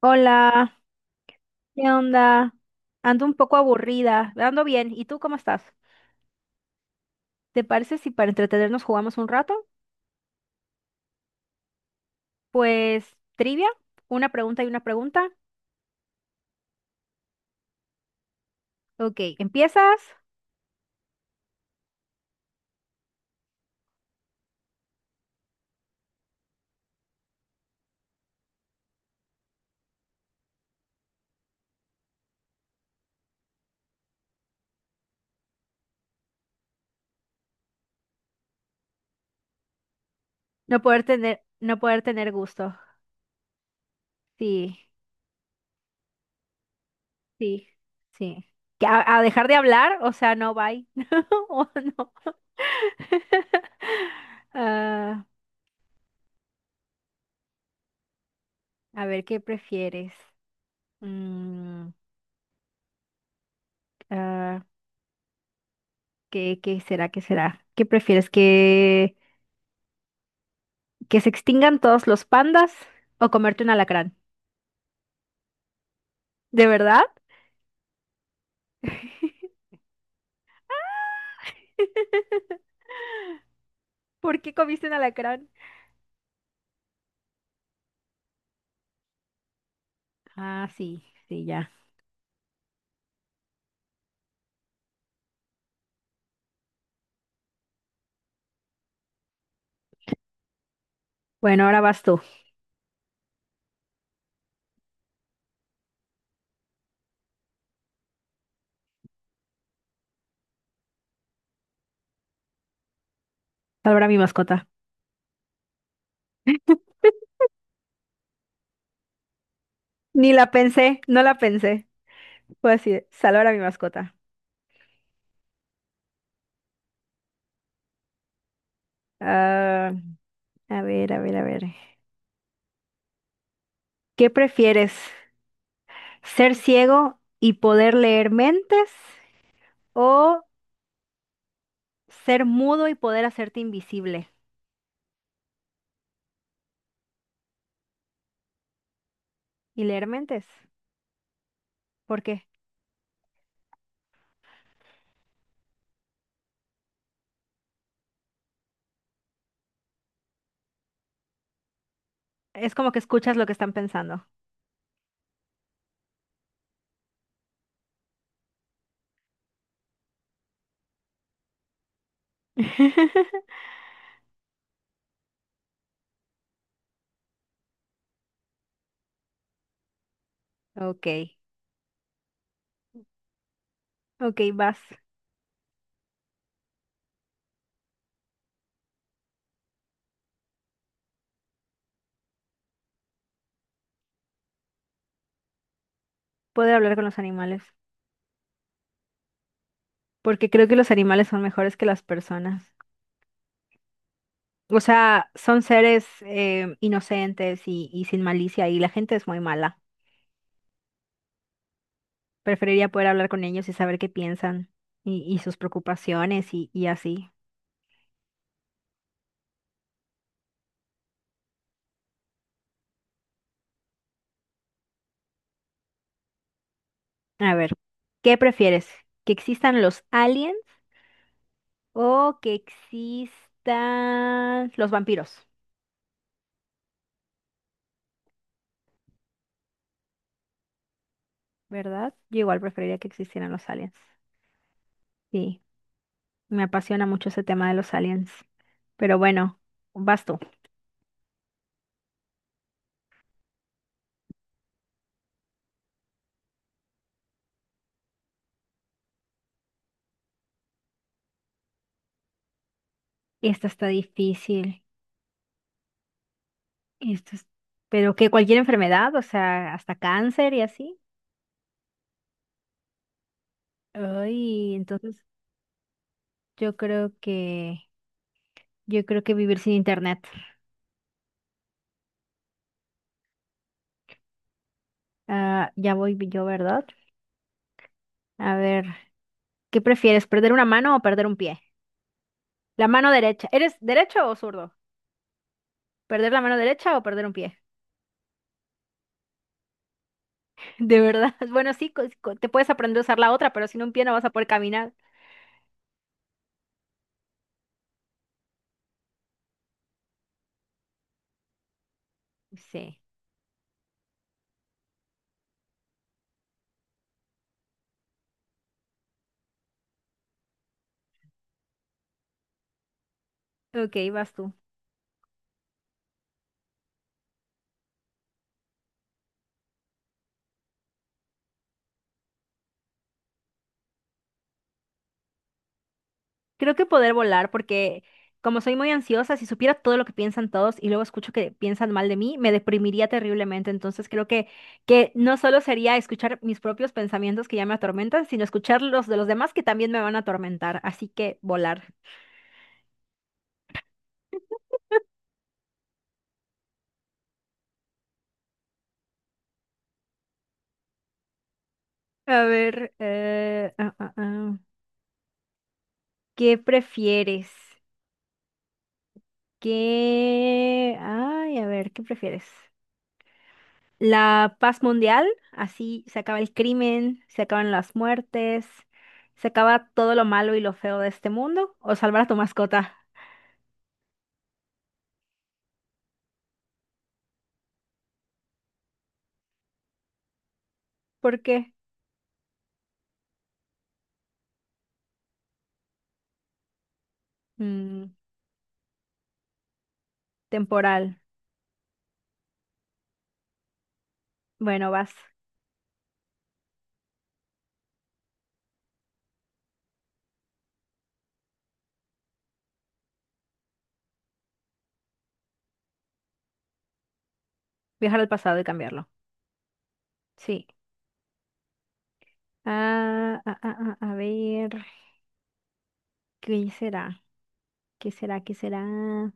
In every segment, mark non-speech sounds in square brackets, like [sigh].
Hola, ¿qué onda? Ando un poco aburrida, ando bien. ¿Y tú cómo estás? ¿Te parece si para entretenernos jugamos un rato? Pues trivia, una pregunta y una pregunta. Ok, empiezas. No poder tener gusto. Sí, sí, sí. ¿A dejar de hablar? O sea, no, bye. [laughs] O no. [laughs] Ah, a ver, ¿qué prefieres? Mm, ah, ¿qué será? ¿Qué será? ¿Qué prefieres? ¿Que se extingan todos los pandas o comerte un alacrán? ¿De verdad? [laughs] ¿Por qué comiste un alacrán? Ah, sí, sí, ya. Bueno, ahora vas tú. Salvar a mi mascota. Ni la pensé, no la pensé. Fue así, salvar a mi mascota. Ah, a ver, a ver, a ver. ¿Qué prefieres? ¿Ser ciego y poder leer mentes? ¿O ser mudo y poder hacerte invisible y leer mentes? ¿Por qué? Es como que escuchas lo que están pensando. [laughs] Ok, ok, vas. Poder hablar con los animales, porque creo que los animales son mejores que las personas. O sea, son seres inocentes y sin malicia y la gente es muy mala. Preferiría poder hablar con ellos y saber qué piensan y sus preocupaciones y así. A ver, ¿qué prefieres? ¿Que existan los aliens o que existan los vampiros? ¿Verdad? Yo igual preferiría que existieran los aliens. Sí. Me apasiona mucho ese tema de los aliens. Pero bueno, vas tú. Esta está difícil. Esto es. Pero que cualquier enfermedad, o sea, hasta cáncer y así. Ay, entonces yo creo que yo creo que vivir sin internet. Ah, ya voy yo, ¿verdad? A ver, ¿qué prefieres, perder una mano o perder un pie? La mano derecha. ¿Eres derecho o zurdo? ¿Perder la mano derecha o perder un pie? [laughs] De verdad. Bueno, sí, te puedes aprender a usar la otra, pero sin un pie no vas a poder caminar. Sí. Ok, vas tú. Creo que poder volar, porque como soy muy ansiosa, si supiera todo lo que piensan todos y luego escucho que piensan mal de mí, me deprimiría terriblemente. Entonces creo que no solo sería escuchar mis propios pensamientos que ya me atormentan, sino escuchar los de los demás que también me van a atormentar. Así que volar. A ver, ¿qué prefieres? ¿Qué? Ay, a ver, ¿qué prefieres? La paz mundial, así se acaba el crimen, se acaban las muertes, se acaba todo lo malo y lo feo de este mundo, o salvar a tu mascota. ¿Por qué? Mm, temporal. Bueno, vas. Viajar al pasado y cambiarlo. Sí. A ver, ¿qué será? ¿Qué será? ¿Qué será?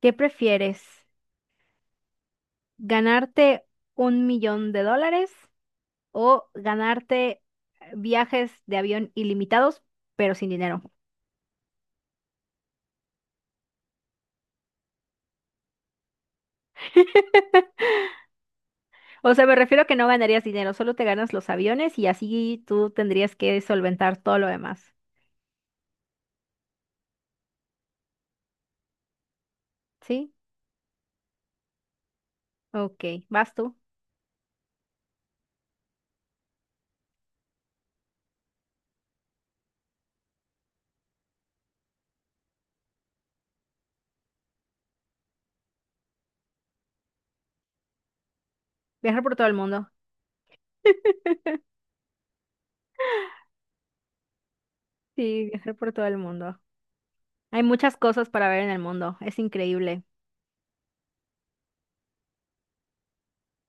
¿Qué prefieres? ¿Ganarte $1,000,000 o ganarte viajes de avión ilimitados, pero sin dinero? O sea, me refiero a que no ganarías dinero, solo te ganas los aviones y así tú tendrías que solventar todo lo demás. ¿Sí? Ok, vas tú. Viajar por todo el mundo. [laughs] Sí, viajar por todo el mundo. Hay muchas cosas para ver en el mundo, es increíble.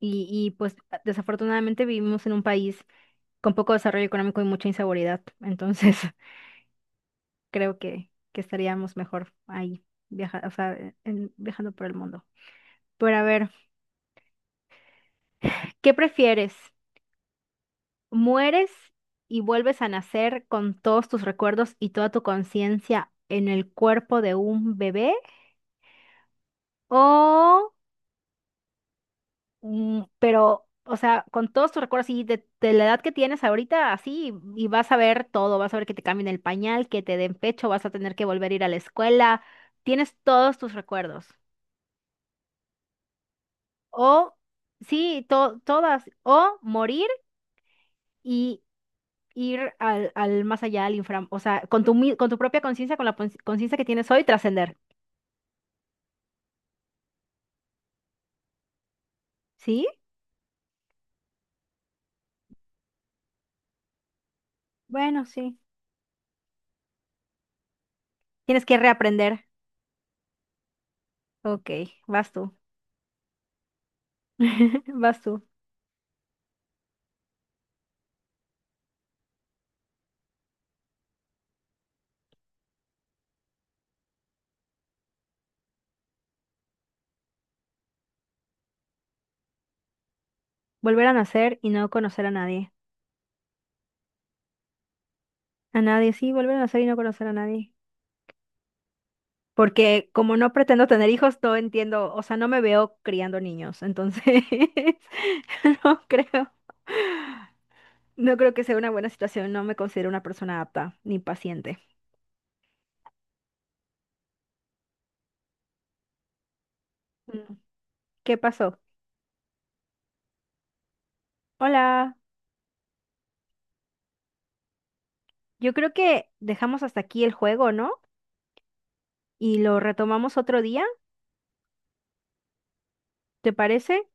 Y pues desafortunadamente vivimos en un país con poco desarrollo económico y mucha inseguridad, entonces [laughs] creo que estaríamos mejor ahí, o sea, viajando por el mundo. Pero a ver, ¿qué prefieres? Mueres y vuelves a nacer con todos tus recuerdos y toda tu conciencia en el cuerpo de un bebé. O, pero, o sea, con todos tus recuerdos y de la edad que tienes ahorita, así, y vas a ver todo, vas a ver que te cambien el pañal, que te den pecho, vas a tener que volver a ir a la escuela, tienes todos tus recuerdos. O, sí, todas, o morir y ir al más allá, al infra, o sea, con tu propia conciencia, con la conciencia que tienes hoy, trascender, ¿sí? Bueno, sí. Tienes que reaprender. Ok, vas tú. [laughs] Vas tú. Volver a nacer y no conocer a nadie. A nadie, sí, volver a nacer y no conocer a nadie. Porque como no pretendo tener hijos, no entiendo, o sea, no me veo criando niños, entonces [laughs] no creo. No creo que sea una buena situación, no me considero una persona apta ni paciente. Mm. ¿Qué pasó? Hola. Yo creo que dejamos hasta aquí el juego, ¿no? Y lo retomamos otro día, ¿te parece?